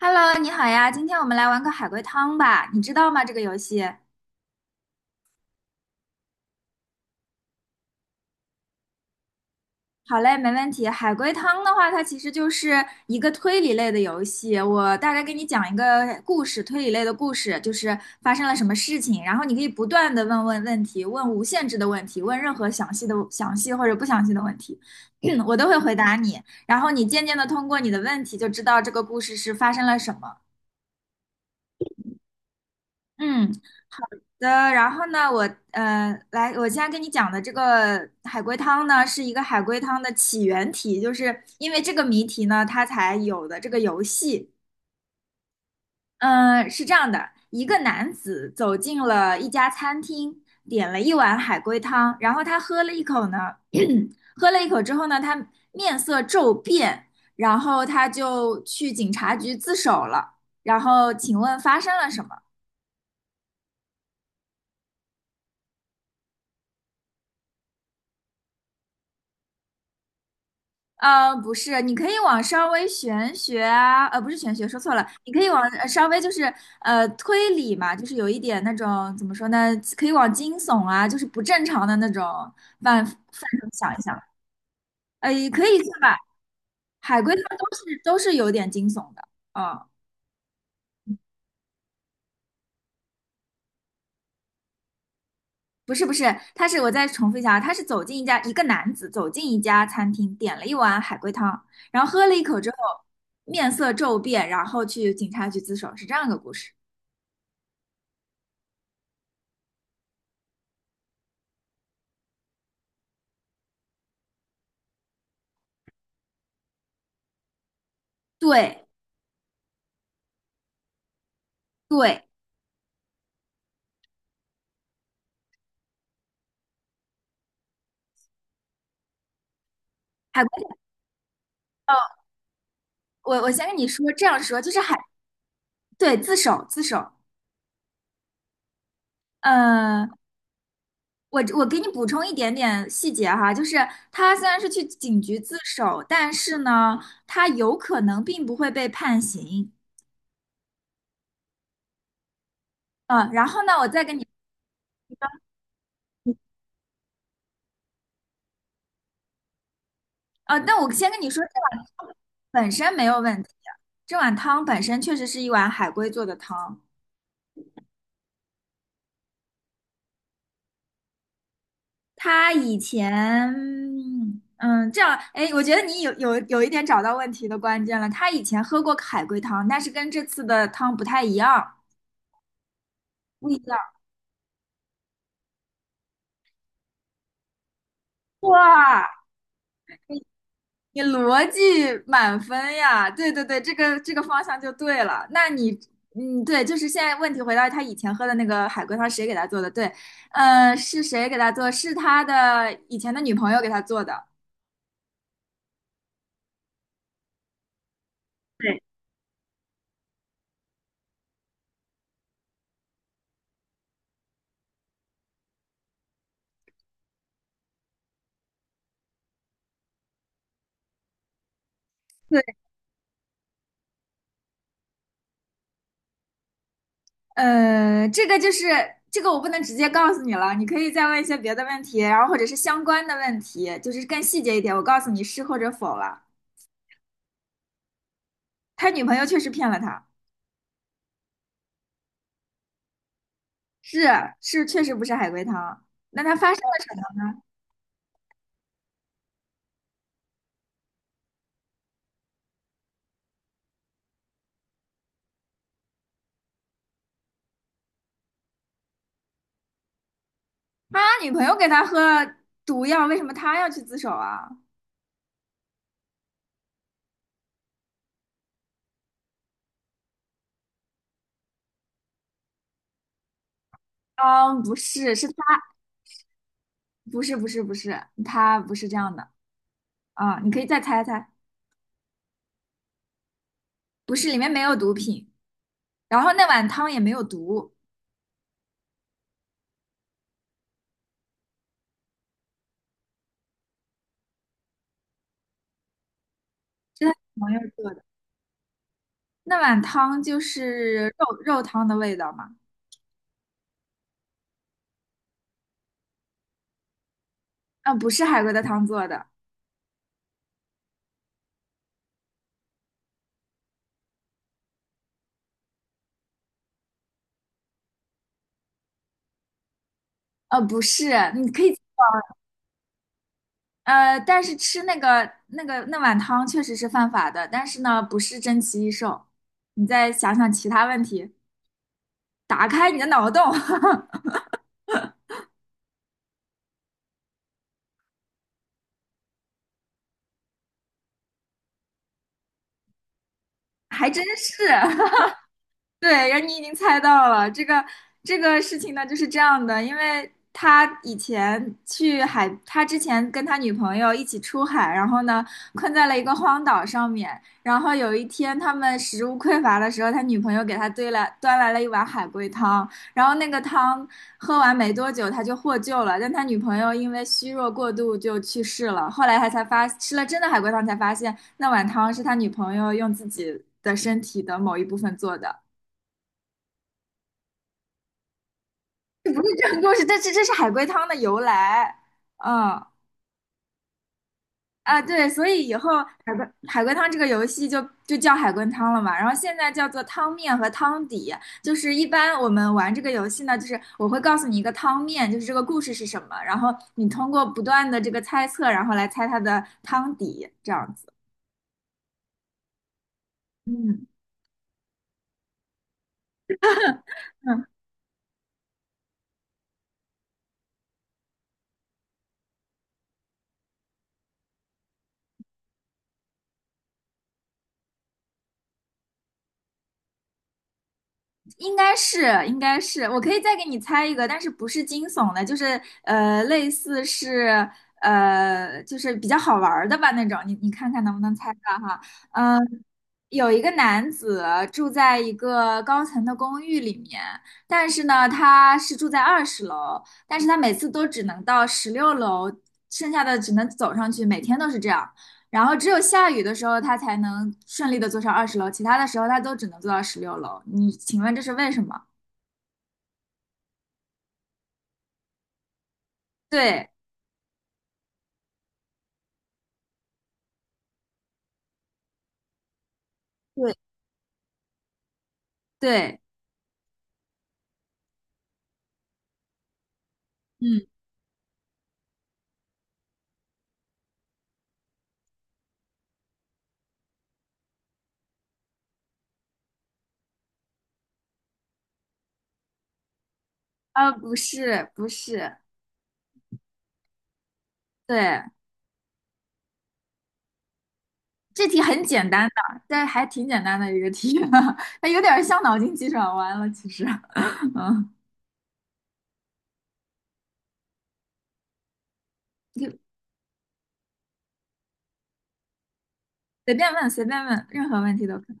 Hello，你好呀，今天我们来玩个海龟汤吧，你知道吗？这个游戏？好嘞，没问题。海龟汤的话，它其实就是一个推理类的游戏。我大概给你讲一个故事，推理类的故事，就是发生了什么事情，然后你可以不断的问题，问无限制的问题，问任何详细或者不详细的问题，我都会回答你。然后你渐渐的通过你的问题就知道这个故事是发生了什么。嗯，的，然后呢，我现在跟你讲的这个海龟汤呢，是一个海龟汤的起源题，就是因为这个谜题呢，它才有的这个游戏。嗯，是这样的，一个男子走进了一家餐厅，点了一碗海龟汤，然后他喝了一口呢，喝了一口之后呢，他面色骤变，然后他就去警察局自首了。然后，请问发生了什么？不是，你可以往稍微玄学啊。不是玄学，说错了，你可以往稍微就是推理嘛，就是有一点那种，怎么说呢，可以往惊悚啊，就是不正常的那种范畴想一想。也可以算吧。海龟汤都是有点惊悚的。嗯，不是不是。他是，我再重复一下，啊，他是走进一家一个男子走进一家餐厅，点了一碗海龟汤，然后喝了一口之后面色骤变，然后去警察局自首，是这样一个故事。对。对，海龟汤哦，我先跟你说，这样说就是海。对，自首自首。呃，我给你补充一点点细节哈，就是他虽然是去警局自首，但是呢，他有可能并不会被判刑。然后呢，我再跟你，啊，那我先跟你说，这碗汤本身没有问题，这碗汤本身确实是一碗海龟做的汤。他以前，嗯，这样，哎，我觉得你有一点找到问题的关键了。他以前喝过海龟汤，但是跟这次的汤不太一样，不一样。哇，你逻辑满分呀！对对对，这个方向就对了。那你，嗯，对，就是现在问题回到他以前喝的那个海龟汤，谁给他做的？对，是谁给他做？是他的以前的女朋友给他做的。对，呃，这个就是这个，我不能直接告诉你了，你可以再问一些别的问题，然后或者是相关的问题，就是更细节一点，我告诉你是或者否了。他女朋友确实骗了他，是是，确实不是海龟汤。那他发生了什么？他女朋友给他喝毒药，为什么他要去自首啊？啊，不是，是他，不是不是不是，他不是这样的啊，你可以再猜猜，不是，里面没有毒品，然后那碗汤也没有毒，是他女朋友做的。那碗汤就是肉汤的味道吗？啊、不是海龟的汤做的，不是，你可以，但是吃那碗汤确实是犯法的，但是呢，不是珍奇异兽。你再想想其他问题，打开你的脑洞。还真是。对，然后你已经猜到了这个事情呢，就是这样的，因为他以前去海，他之前跟他女朋友一起出海，然后呢困在了一个荒岛上面，然后有一天他们食物匮乏的时候，他女朋友给他兑了端来了一碗海龟汤，然后那个汤喝完没多久他就获救了，但他女朋友因为虚弱过度就去世了，后来他才发吃了真的海龟汤才发现那碗汤是他女朋友用自己的身体的某一部分做的。这不是真故事，这是海龟汤的由来。嗯，啊，对，所以以后海龟汤这个游戏就叫海龟汤了嘛。然后现在叫做汤面和汤底，就是一般我们玩这个游戏呢，就是我会告诉你一个汤面，就是这个故事是什么，然后你通过不断的这个猜测，然后来猜它的汤底，这样子。嗯嗯，应该是，应该是，我可以再给你猜一个，但是不是惊悚的，就是类似是就是比较好玩儿的吧那种，你看看能不能猜到哈？嗯、有一个男子住在一个高层的公寓里面，但是呢，他是住在二十楼，但是他每次都只能到十六楼，剩下的只能走上去，每天都是这样。然后只有下雨的时候，他才能顺利的坐上二十楼，其他的时候他都只能坐到十六楼。你请问这是为什么？对对，对，嗯，啊，不是不是。对，这题很简单的，但还挺简单的一个题，它有点像脑筋急转弯了，其实。嗯，就随便问随便问，任何问题都可以。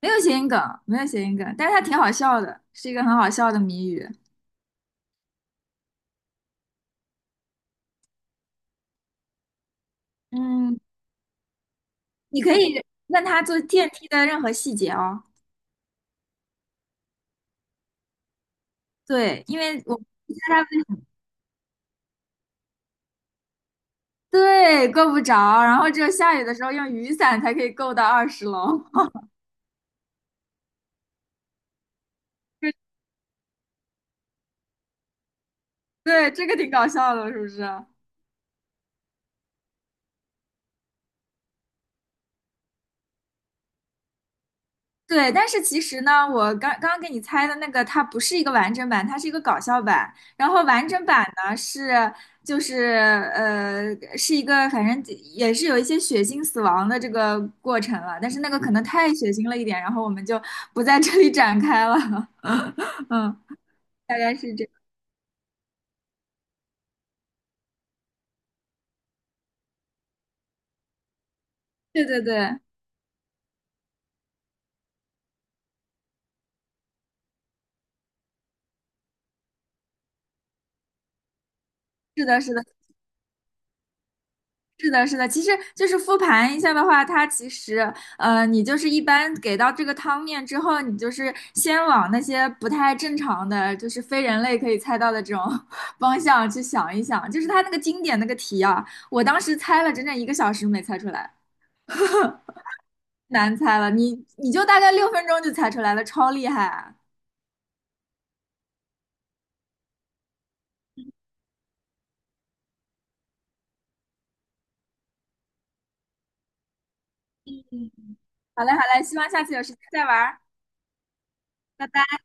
没有谐音梗，没有谐音梗，但是它挺好笑的，是一个很好笑的谜语。嗯，你可以问他坐电梯的任何细节哦。对，因为我它对够不着，然后只有下雨的时候用雨伞才可以够到二十楼。对，这个挺搞笑的，是不是？对，但是其实呢，我刚刚给你猜的那个，它不是一个完整版，它是一个搞笑版。然后完整版呢，是，就是，是一个，反正也是有一些血腥死亡的这个过程了，但是那个可能太血腥了一点，然后我们就不在这里展开了。嗯，大概是这样。对对对，是的，是的。是的，是的，其实就是复盘一下的话，它其实，你就是一般给到这个汤面之后，你就是先往那些不太正常的，就是非人类可以猜到的这种 方向去想一想。就是它那个经典那个题啊，我当时猜了整整一个小时没猜出来，难猜了，你就大概6分钟就猜出来了，超厉害啊。嗯，好嘞，好嘞，希望下次有时间再玩儿。拜拜。